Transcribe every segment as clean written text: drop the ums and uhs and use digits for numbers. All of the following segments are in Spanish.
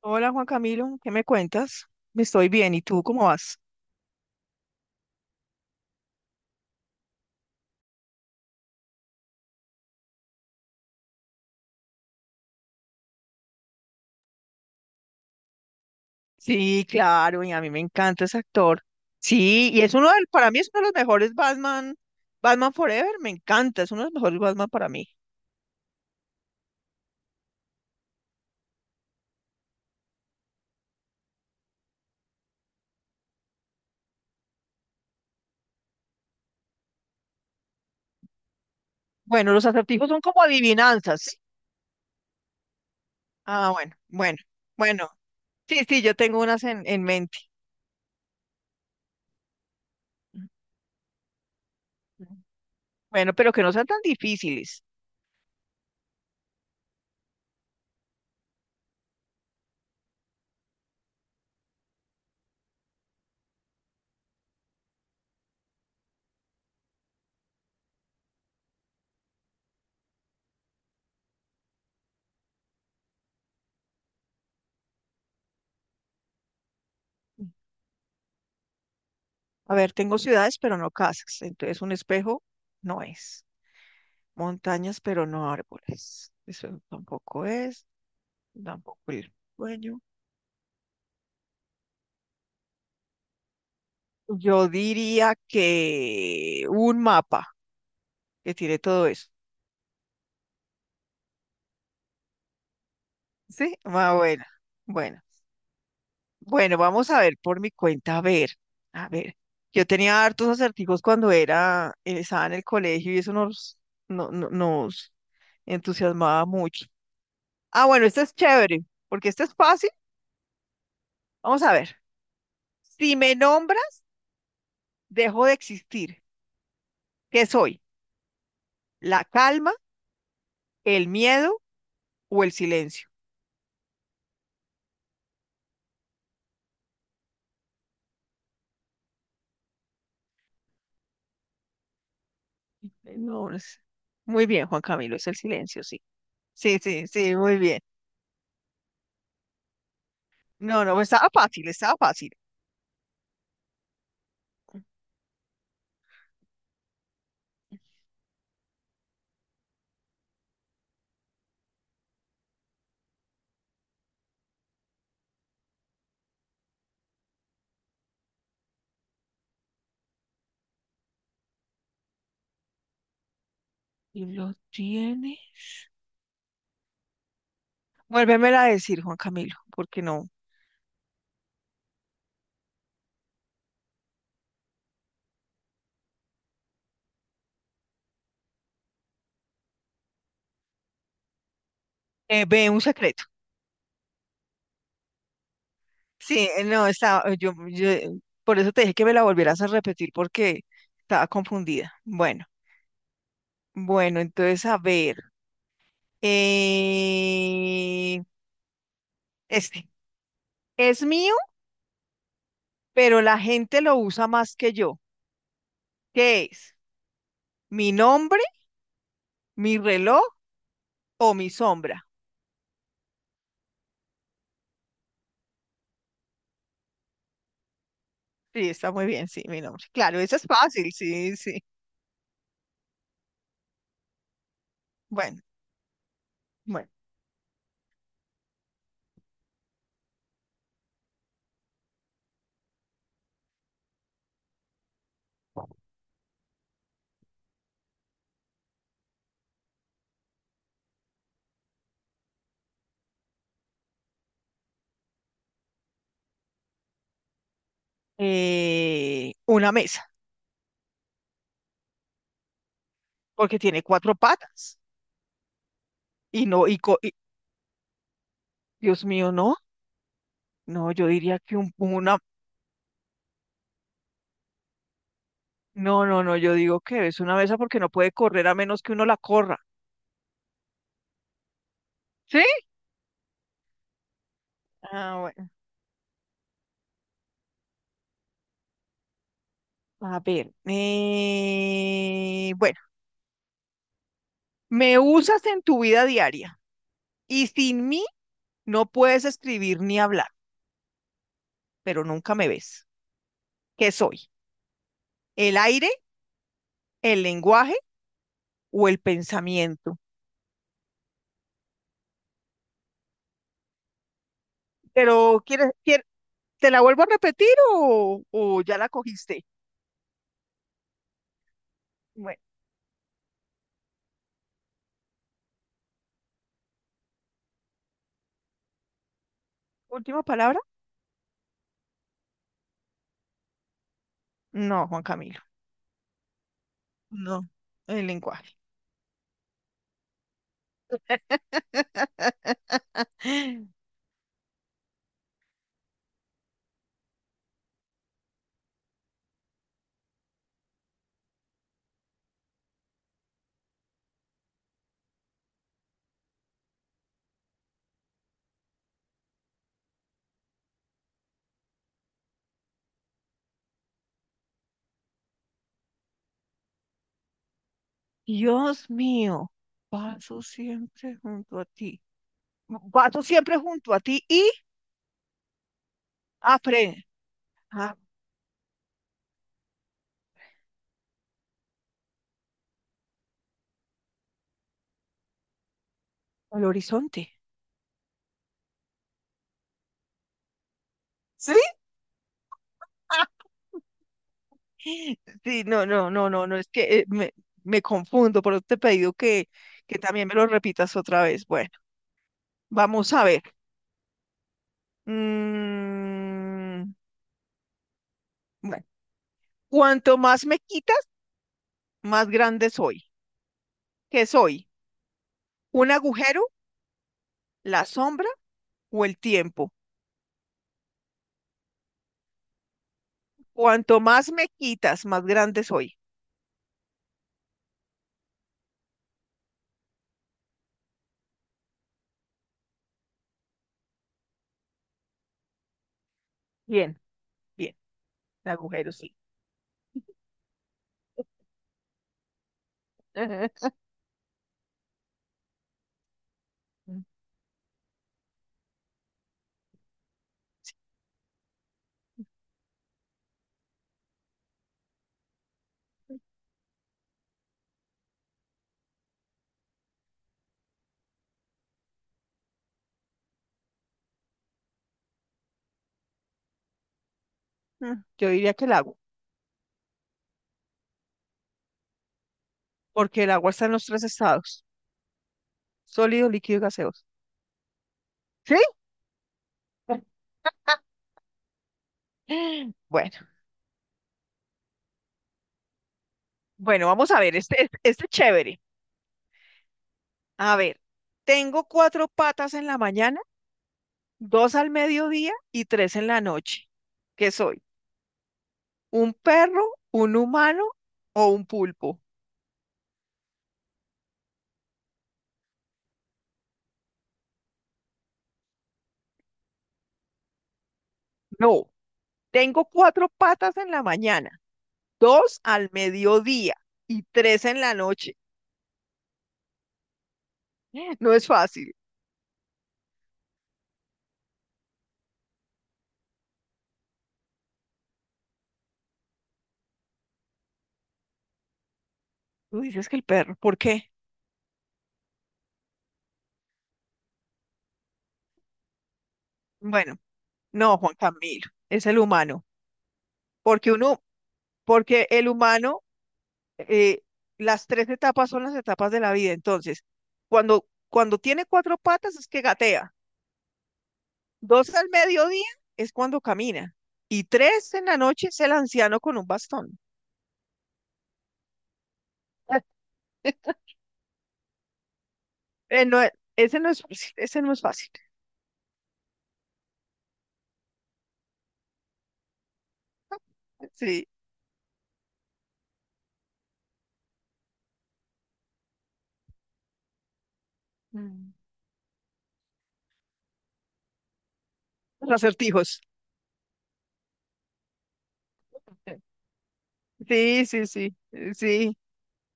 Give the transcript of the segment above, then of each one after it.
Hola Juan Camilo, ¿qué me cuentas? Estoy bien, ¿y tú cómo vas? Sí, claro, y a mí me encanta ese actor. Sí, y es uno del, para mí es uno de los mejores Batman, Batman Forever, me encanta, es uno de los mejores Batman para mí. Bueno, los acertijos son como adivinanzas, ¿sí? Ah, bueno, bueno, bueno, sí, sí, yo tengo unas en mente. Ujú. Bueno, pero que no sean tan difíciles. A ver, tengo ciudades, pero no casas, entonces un espejo no es. Montañas, pero no árboles. Eso tampoco es. Tampoco el sueño. Yo diría que un mapa que tiene todo eso. ¿Sí? Ah, bueno. Bueno. Bueno, vamos a ver por mi cuenta. A ver. Yo tenía hartos acertijos cuando era, estaba en el colegio y eso nos, no, no- nos entusiasmaba mucho. Ah, bueno, este es chévere, porque este es fácil. Vamos a ver. Si me nombras, dejo de existir. ¿Qué soy? ¿La calma, el miedo o el silencio? No, muy bien, Juan Camilo, es el silencio, sí. Sí, sí, sí, muy bien. No, no, estaba fácil, estaba fácil. ¿Y lo tiene? Vuélvemela a decir, Juan Camilo, porque no. Ve un secreto. Sí, no, estaba, por eso te dije que me la volvieras a repetir porque estaba confundida. Bueno, bueno, entonces a ver. eh, este es mío, pero la gente lo usa más que yo. ¿Qué es? ¿Mi nombre? ¿Mi reloj? O mi sombra. Sí, está muy bien, sí, mi nombre. Claro, eso es fácil, sí, sí. Bueno, bueno. Una mesa, porque tiene cuatro patas. Y no, y, co- y- Dios mío, no. No, yo diría que una. No, no, no, yo digo que es una mesa porque no puede correr a menos que uno la corra. ¿Sí? Ah, bueno. A ver. Bueno, Me usas en tu vida diaria y sin mí no puedes escribir ni hablar, pero nunca me ves. ¿Qué soy? ¿El aire, el lenguaje o el pensamiento? Pero, ¿te la vuelvo a repetir o ya la cogiste? Bueno, última palabra. No, Juan Camilo, no, el lenguaje. Dios mío, paso siempre junto a ti. Paso siempre junto a ti y aprende al horizonte. ¿Sí? Ah, sí, no, no, no, no, no, es que me confundo, por eso te he pedido que también me lo repitas otra vez. Bueno, vamos a ver. Mm, bueno, cuanto más me quitas, más grande soy. ¿Qué soy? ¿Un agujero, la sombra o el tiempo? Cuanto más me quitas, más grande soy. Bien, bien, el agujero sí. Yo diría que el agua, porque el agua está en los tres estados: sólido, líquido y gaseoso. ¿Sí? Bueno, bueno, vamos a ver, este es chévere. A ver, tengo cuatro patas en la mañana, dos al mediodía y tres en la noche. ¿Qué soy? ¿Un perro, un humano o un pulpo? No, tengo cuatro patas en la mañana, dos al mediodía y tres en la noche. No es fácil. Tú dices que el perro, ¿por qué? Bueno, no, Juan Camilo, es el humano, porque el humano eh, las tres etapas son las etapas de la vida. Entonces, cuando tiene cuatro patas es que gatea. Dos al mediodía es cuando camina. Y tres en la noche es el anciano con un bastón. Eh, no, eh, ese no es fácil, ese no es fácil. Sí, mm, los acertijos. Sí, sí, sí, sí.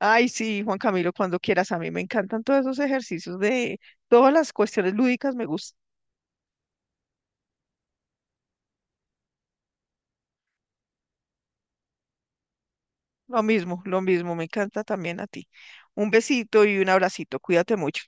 Ay, sí, Juan Camilo, cuando quieras. A mí me encantan todos esos ejercicios de todas las cuestiones lúdicas, me gustan. Lo mismo, me encanta también a ti. Un besito y un abracito, cuídate mucho.